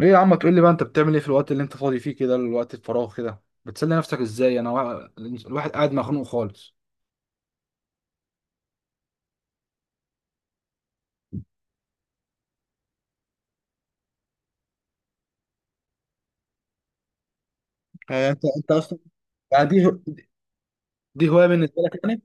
ايه يا عم، تقول لي بقى انت بتعمل ايه في الوقت اللي انت فاضي فيه كده، الوقت الفراغ كده بتسلي نفسك ازاي؟ الواحد قاعد مخنوق خالص. يعني انت اصلا، يعني دي هوايه بالنسبه لك يعني؟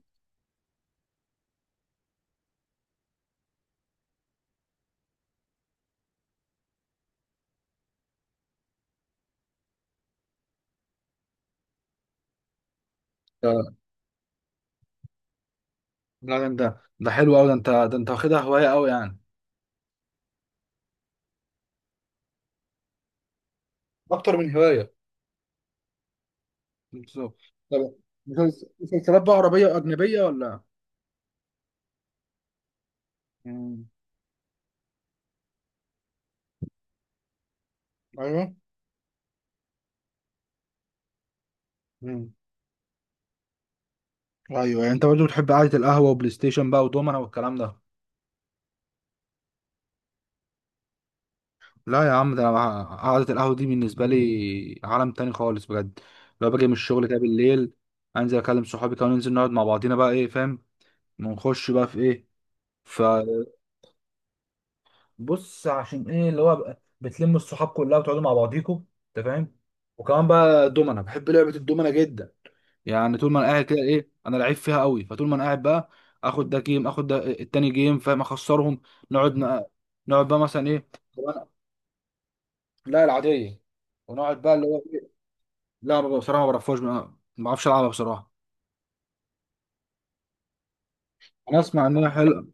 آه، لا، ده حلو قوي، ده انت واخدها هوايه قوي يعني، اكتر من هوايه. بالظبط. طب مسلسلات بقى عربيه واجنبيه ولا؟ مم. ايوه. مم. ايوه، يعني انت برضه بتحب قعده القهوه وبلاي ستيشن بقى ودومنا والكلام ده. لا يا عم، ده أنا قعدة القهوة دي بالنسبة لي عالم تاني خالص بجد. لو باجي من الشغل كده بالليل، انزل اكلم صحابي كده وننزل نقعد مع بعضينا بقى، ايه فاهم، ونخش بقى في ايه. فبص عشان ايه اللي هو بقى بتلموا الصحاب كلها وتقعدوا مع بعضيكوا، انت فاهم. وكمان بقى دومنا، بحب لعبة الدومنا جدا، يعني طول ما انا قاعد كده ايه، انا لعيب فيها قوي، فطول ما انا قاعد بقى اخد ده جيم، اخد ده التاني جيم، فاهم، اخسرهم. نقعد نقعد بقى مثلا ايه. لا العادية. ونقعد بقى اللي هو إيه؟ لا بصراحة ما بعرفهاش، ما بعرفش ألعبها بصراحة. أنا أسمع إنها حلوة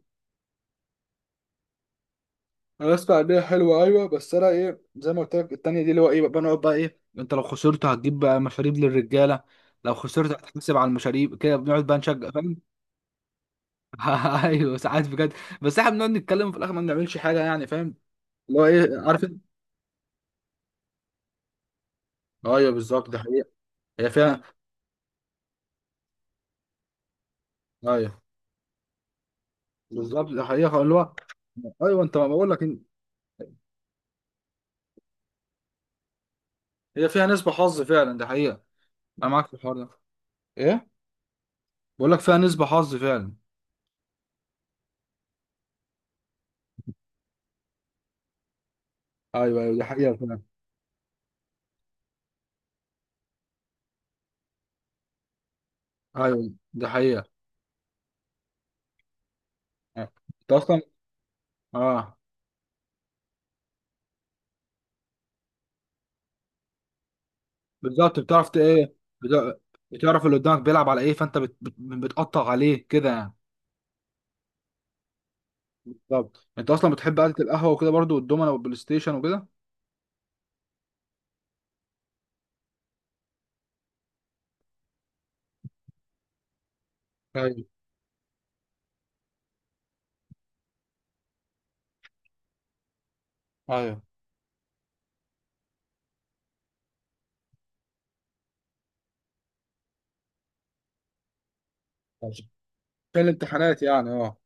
أنا أسمع إنها حلوة، أيوة، بس أنا إيه زي ما قلت لك، التانية دي اللي هو إيه بقى، بنقعد بقى إيه، أنت لو خسرت هتجيب بقى مشاريب للرجالة، لو خسرت هتحسب على المشاريب، كده بنقعد بقى نشجع فاهم. أيوة ساعات بجد، بس إحنا بنقعد نتكلم في الآخر، ما بنعملش حاجة يعني فاهم، اللي هو إيه عارف أنت. أيوة بالظبط، ده حقيقة. هي فيها. أيوة بالظبط ده حقيقة، اللي هو. أيوة أنت، ما بقول لك هي فيها نسبة حظ فعلا، ده حقيقة. أنا معاك في الحوار ده. إيه. بقول لك فيها نسبة حظ فعلا. ايوه ايوه، دي حقيقة فعلا. ايوه دي حقيقة. انت اصلا. اه. بالظبط، بتعرف ايه، بت- بتعرف اللي قدامك بيلعب على ايه، فانت بتقطع عليه كده يعني. بالظبط، انت اصلا بتحب قعدة القهوة وكده برضو، والدومنة والبلاي ستيشن وكده. ايوه ايوه. في الامتحانات يعني، اه.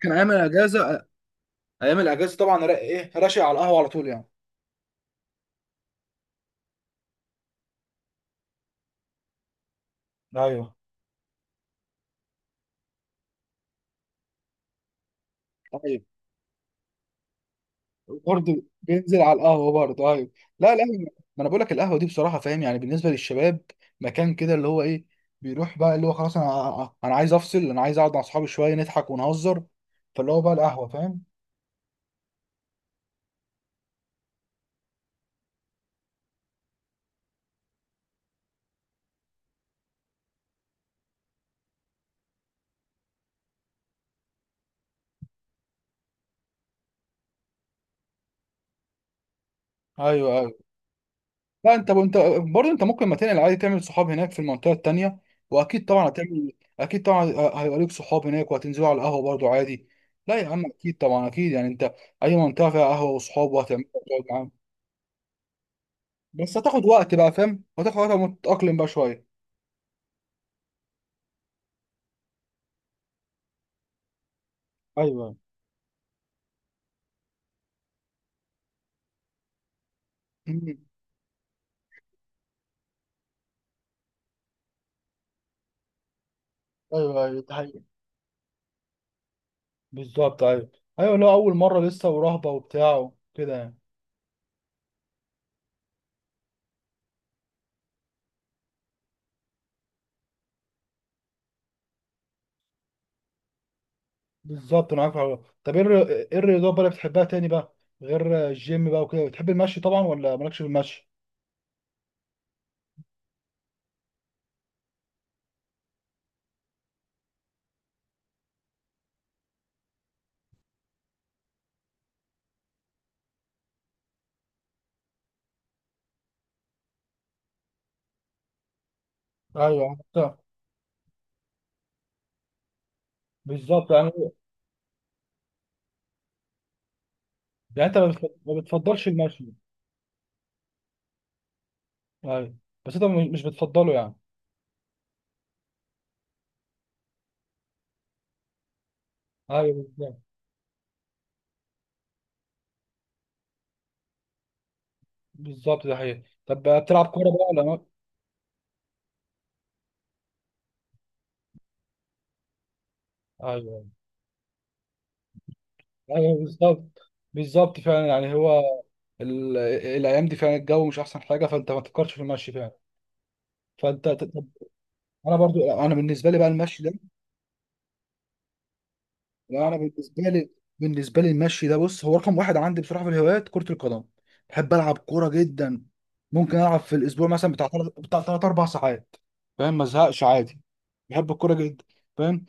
كان ايام الاجازة، ايام الاجازة طبعا را- ايه راشق على القهوة على طول يعني. ايوه ايوه، برضه بينزل على القهوه برضه، ايوه. لا لا، ما انا بقول لك القهوه دي بصراحه فاهم، يعني بالنسبه للشباب مكان كده اللي هو ايه، بيروح بقى اللي هو خلاص، انا عايز افصل، انا عايز اقعد مع اصحابي شويه نضحك ونهزر، فاللي هو بقى القهوه فاهم. ايوه ايوه. لا انت برضه، انت ممكن ما تنقل عادي، تعمل صحاب هناك في المنطقه التانيه، واكيد طبعا هتعمل، اكيد طبعا هيبقى ليك صحاب هناك وهتنزلوا على القهوه برضه عادي. لا يا عم، اكيد طبعا، اكيد يعني انت اي منطقه فيها قهوه وصحاب وهتعمل، بس هتاخد وقت بقى فاهم، هتاخد وقت لما تتأقلم بقى شوية. ايوه. مم. ايوه ايوه ده حقيقي. بالظبط. ايوه ايوه، لو اول مره لسه ورهبه وبتاع كده يعني. بالظبط انا عارف الحوار. طب ايه الرياضات بقى اللي بتحبها تاني بقى، غير الجيم بقى وكده؟ بتحب المشي طبعا ولا مالكش في المشي؟ ايوه انت. بالظبط يعني. يعني انت ما بتفضلش المشي. ايوه. بس انت مش بتفضله يعني. ايوه بالظبط. بالظبط ده حقيقي. طب بتلعب كوره بقى ولا ما؟ ايوه ايوه. بالظبط. بالظبط فعلا يعني هو ال- الايام دي فعلا الجو مش احسن حاجه، فانت ما تفكرش في المشي فعلا. فانت طب، انا برضو، انا بالنسبه لي بقى المشي ده، انا بالنسبه لي بالنسبه لي المشي ده، بص، هو رقم واحد عندي بصراحه في الهوايات كره القدم. بحب العب كوره جدا، ممكن العب في الاسبوع مثلا بتاع ثلاث اربع ساعات فاهم، ما ازهقش عادي. بحب الكوره جدا فاهم.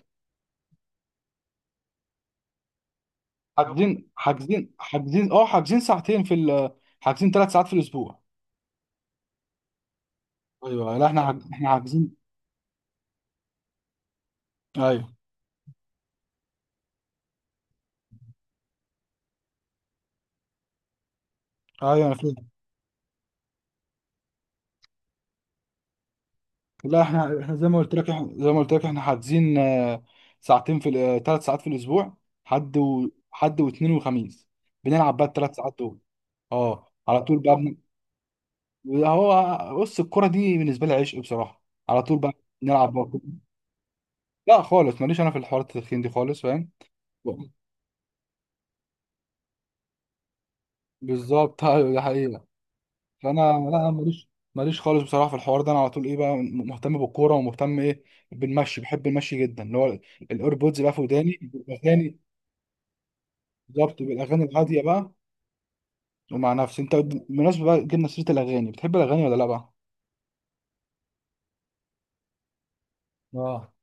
حاجزين حاجزين، اه، حاجزين ثلاث ساعات في الاسبوع. ايوه، لا احنا حاجزين. ايوه ايوه انا فاهم. لا احنا، احنا زي ما قلت لك احنا حاجزين، ساعتين في ثلاث ساعات في الاسبوع، حد واثنين وخميس، بنلعب بقى الثلاث ساعات دول. اه على طول بقى هو بص، الكرة دي بالنسبة لي عشق بصراحة، على طول بقى نلعب بقى. لا خالص، ماليش انا في الحوارات التدخين دي خالص فاهم. بالظبط. ايوه دي حقيقة. فانا لا ماليش، ماليش خالص بصراحة في الحوار ده، انا على طول ايه بقى مهتم بالكورة ومهتم ايه بالمشي، بحب المشي جدا، اللي هو الايربودز بقى في وداني الاغاني. بالظبط، بالاغاني الهاديه بقى، ومع نفسي. انت بالمناسبه بقى جبنا سيره الاغاني، بتحب الاغاني ولا لا بقى؟ اه.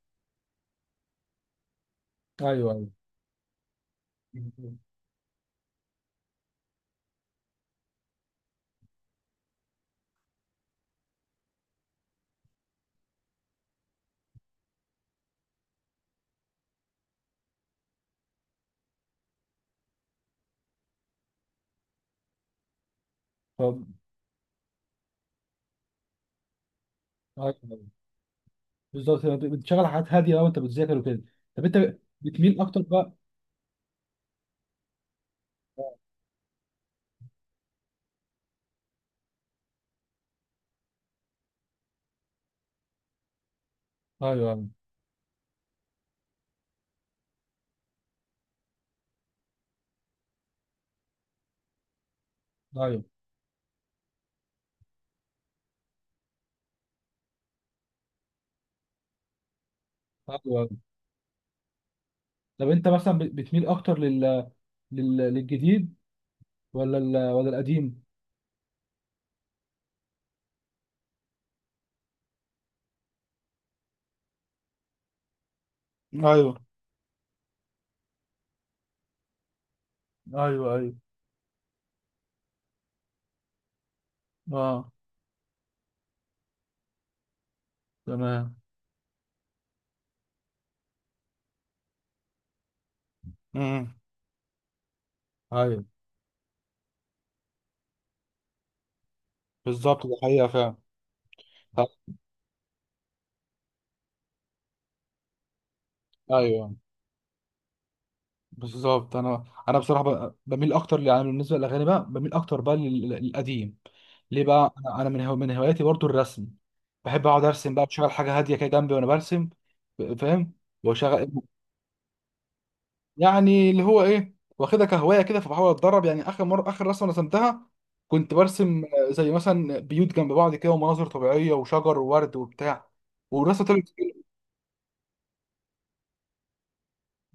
ايوه ايوه. طب، أيوة، أيوة. بالظبط، أنت بتشغل حاجات هاديه بقى وانت بتذاكر وكده. طب انت بتميل اكتر بقى؟ آه، ايوه ايوه. ايوه ايوه أيوة. طب انت مثلا بتميل اكتر للجديد ولا القديم؟ ايوه ايوه. ايوه اه. تمام. امم ايوه بالظبط ده حقيقه فعلا. ايوه بالظبط. انا بصراحه بميل اكتر يعني بالنسبه للاغاني بقى، بميل اكتر بقى للقديم. ليه بقى، انا من هواياتي برضو الرسم، بحب اقعد ارسم بقى، بشغل حاجه هاديه كده جنبي وانا برسم فاهم، وشغل. يعني اللي هو ايه، واخدها كهوايه كده، فبحاول اتدرب يعني. اخر مره اخر رسمه رسمتها، كنت برسم زي مثلا بيوت جنب بعض كده، ومناظر طبيعيه وشجر وورد وبتاع، والرسمه طلعت.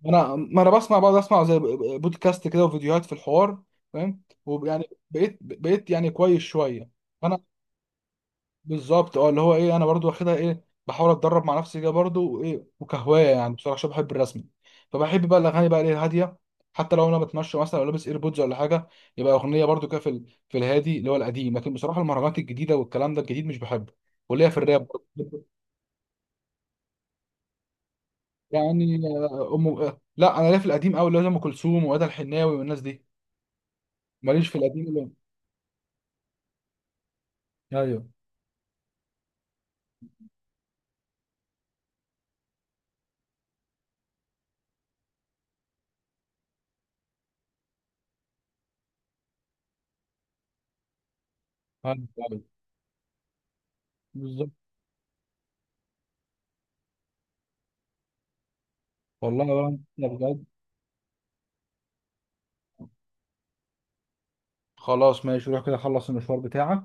انا ما انا بسمع، بقعد اسمع زي بودكاست كده وفيديوهات في الحوار فاهم، ويعني بقيت يعني كويس شويه. انا بالظبط، اه اللي هو ايه، انا برضو واخدها ايه، بحاول اتدرب مع نفسي كده برضو، وايه وكهوايه يعني بصراحه عشان بحب الرسم. فبحب بقى الاغاني بقى ايه الهاديه، حتى لو انا بتمشى مثلا او لابس ايربودز ولا حاجه، يبقى اغنيه برضو كده في الهادي اللي هو القديم. لكن بصراحه المهرجانات الجديده والكلام ده الجديد مش بحبه، وليا في الراب برضو. يعني آه، ام آه، لا انا ليا في القديم قوي، اللي هو زي ام كلثوم وادى الحناوي والناس دي، ماليش في القديم اللي. ايوه ايوه أيوة. بالظبط. والله يا بنت، أنا بجد. خلاص ماشي، روح كده خلص المشوار بتاعك،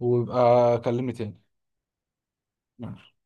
ويبقى كلمني تاني. ماشي.